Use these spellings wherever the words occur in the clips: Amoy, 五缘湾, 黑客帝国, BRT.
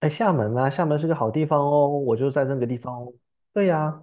哎，厦门啊，厦门是个好地方哦，我就在那个地方哦。对呀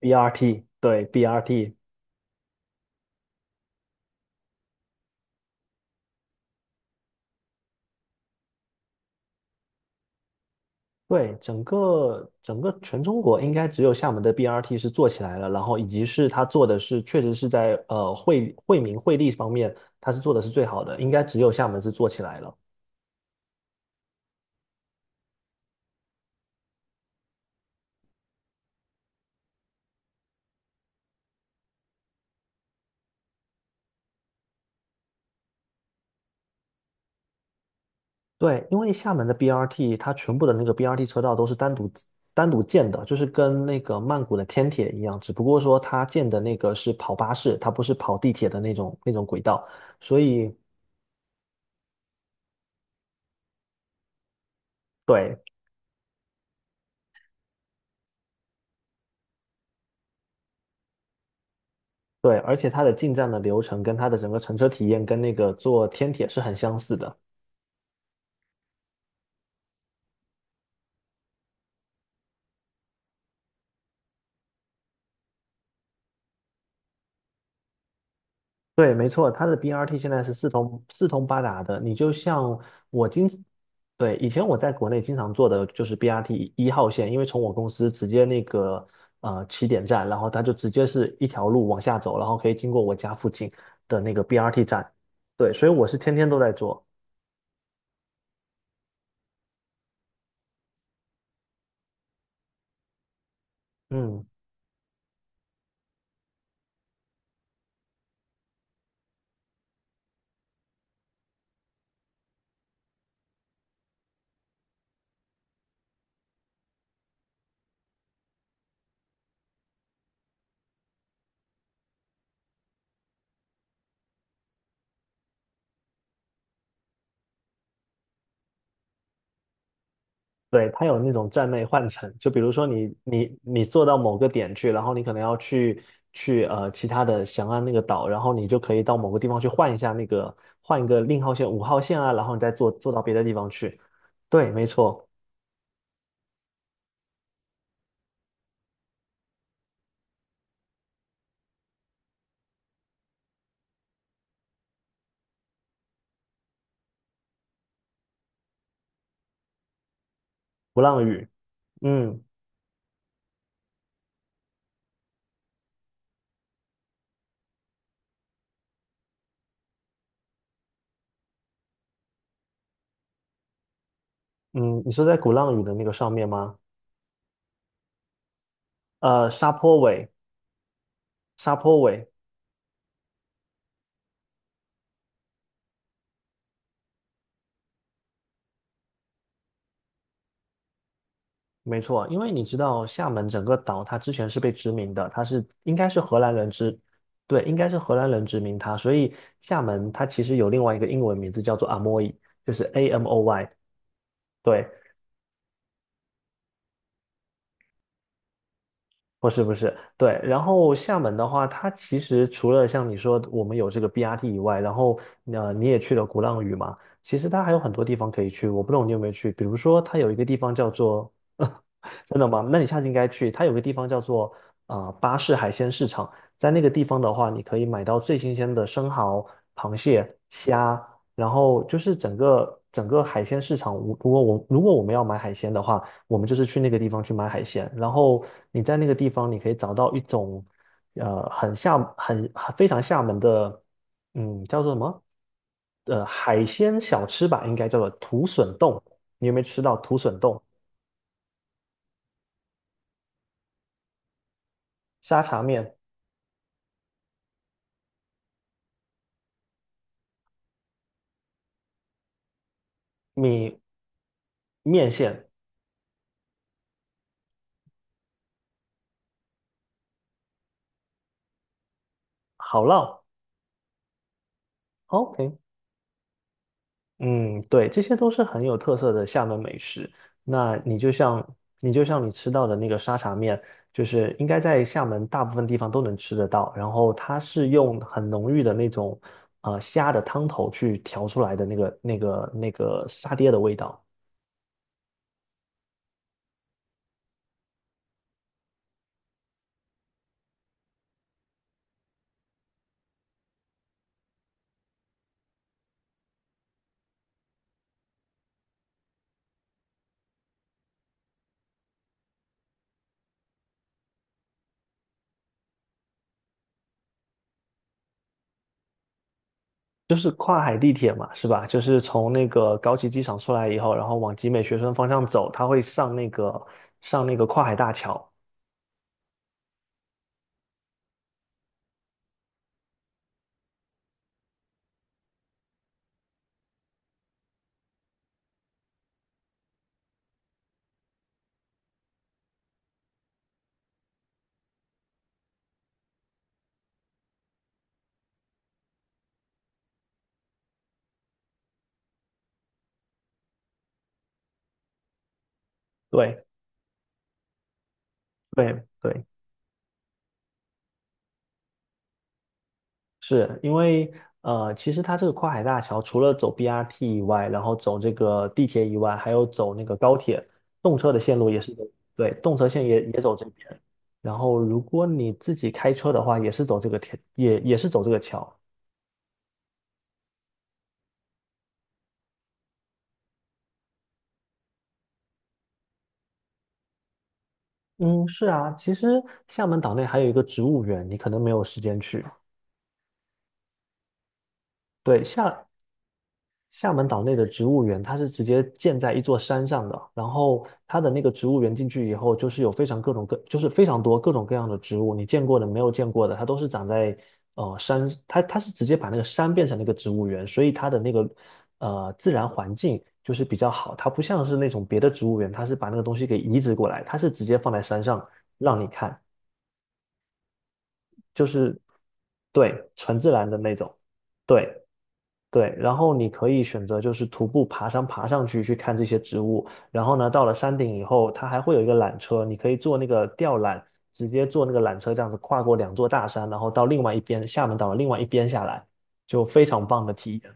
，BRT，对 BRT，对，整个全中国应该只有厦门的 BRT 是做起来了，然后以及是它做的是确实是在惠民惠利方面，它是做的是最好的，应该只有厦门是做起来了。对，因为厦门的 BRT，它全部的那个 BRT 车道都是单独建的，就是跟那个曼谷的天铁一样，只不过说它建的那个是跑巴士，它不是跑地铁的那种轨道，所以对对，而且它的进站的流程跟它的整个乘车体验跟那个坐天铁是很相似的。对，没错，它的 BRT 现在是四通八达的。你就像我经，对，以前我在国内经常坐的就是 BRT 一号线，因为从我公司直接那个起点站，然后它就直接是一条路往下走，然后可以经过我家附近的那个 BRT 站。对，所以我是天天都在坐。嗯。对，它有那种站内换乘，就比如说你坐到某个点去，然后你可能要去其他的翔安那个岛，然后你就可以到某个地方去换一下那个换一个令号线、五号线啊，然后你再坐到别的地方去。对，没错，鼓浪屿，嗯嗯，你说在鼓浪屿的那个上面吗？沙坡尾，沙坡尾，没错，因为你知道厦门整个岛，它之前是被殖民的，它是应该是荷兰人殖，对，应该是荷兰人殖民它，所以厦门它其实有另外一个英文名字叫做 Amoy,就是 A M O Y,对，不是不是，对。然后厦门的话，它其实除了像你说我们有这个 BRT 以外，然后你也去了鼓浪屿嘛，其实它还有很多地方可以去。我不懂你有没有去，比如说它有一个地方叫做，真的吗？那你下次应该去。它有个地方叫做巴士海鲜市场，在那个地方的话，你可以买到最新鲜的生蚝、螃蟹、虾，然后就是整个海鲜市场。如果我们要买海鲜的话，我们就是去那个地方去买海鲜，然后你在那个地方你可以找到一种呃很厦很非常厦门的，嗯，叫做什么？海鲜小吃吧，应该叫做土笋冻。你有没有吃到土笋冻、沙茶面、米面线、好烙？OK,嗯，对，这些都是很有特色的厦门美食。那你就像你吃到的那个沙茶面，就是应该在厦门大部分地方都能吃得到。然后它是用很浓郁的那种虾的汤头去调出来的那个沙爹的味道，就是跨海地铁嘛，是吧？就是从那个高崎机场出来以后，然后往集美学生方向走，它会上那个跨海大桥。对对对。是因为其实它这个跨海大桥除了走 BRT 以外，然后走这个地铁以外，还有走那个高铁，动车的线路也是走，对，动车线也走这边。然后如果你自己开车的话，也是走这个铁，也是走这个桥。嗯，是啊，其实厦门岛内还有一个植物园，你可能没有时间去。对，厦门岛内的植物园，它是直接建在一座山上的，然后它的那个植物园进去以后，就是有非常各种各，就是非常多各种各样的植物，你见过的、没有见过的，它都是长在呃山，它它是直接把那个山变成那个植物园，所以它的那个自然环境就是比较好，它不像是那种别的植物园，它是把那个东西给移植过来，它是直接放在山上让你看，就是对纯自然的那种，对。对，然后你可以选择就是徒步爬山爬上去去看这些植物，然后呢，到了山顶以后，它还会有一个缆车，你可以坐那个吊缆，直接坐那个缆车这样子跨过两座大山，然后到另外一边厦门岛的另外一边下来，就非常棒的体验。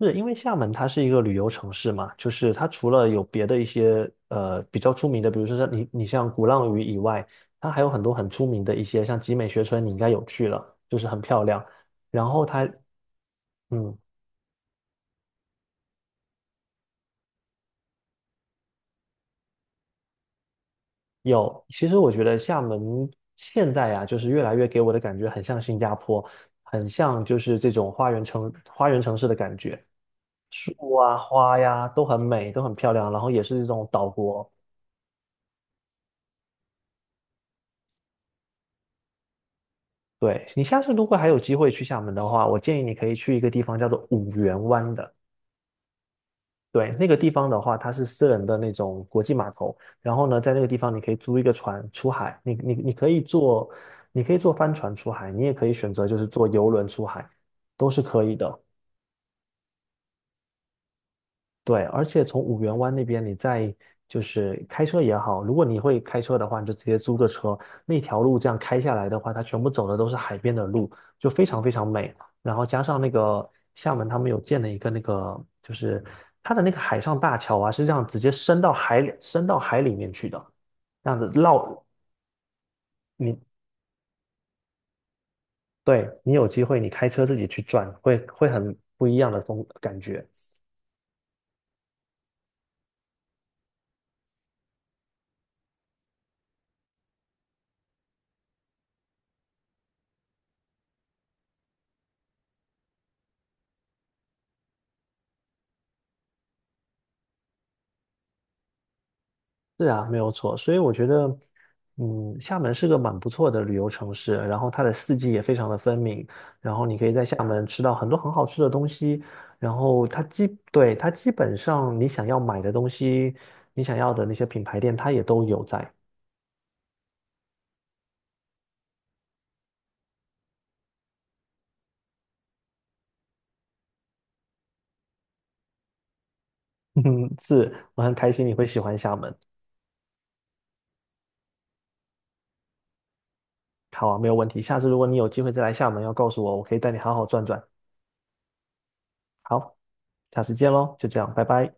是因为厦门它是一个旅游城市嘛，就是它除了有别的一些比较出名的，比如说像你你像鼓浪屿以外，它还有很多很出名的一些，像集美学村你应该有去了，就是很漂亮，然后它。嗯。有，其实我觉得厦门现在呀、就是越来越给我的感觉很像新加坡，很像就是这种花园城市的感觉，树啊、花呀都很美，都很漂亮，然后也是这种岛国。对，你下次如果还有机会去厦门的话，我建议你可以去一个地方叫做五缘湾的。对，那个地方的话，它是私人的那种国际码头，然后呢，在那个地方你可以租一个船出海，你可以坐，你可以坐帆船出海，你也可以选择就是坐游轮出海，都是可以的。对，而且从五缘湾那边，你再就是开车也好，如果你会开车的话，你就直接租个车，那条路这样开下来的话，它全部走的都是海边的路，就非常非常美。然后加上那个厦门，他们有建了一个那个，就是它的那个海上大桥啊，是这样直接伸到海里面去的，这样子绕你，对，你有机会你开车自己去转，会很不一样的风感觉。是啊，没有错。所以我觉得，嗯，厦门是个蛮不错的旅游城市，然后它的四季也非常的分明，然后你可以在厦门吃到很多很好吃的东西，然后对，它基本上你想要买的东西，你想要的那些品牌店，它也都有在。嗯，是，我很开心你会喜欢厦门。好啊，没有问题。下次如果你有机会再来厦门，要告诉我，我可以带你好好转转。好，下次见喽，就这样，拜拜。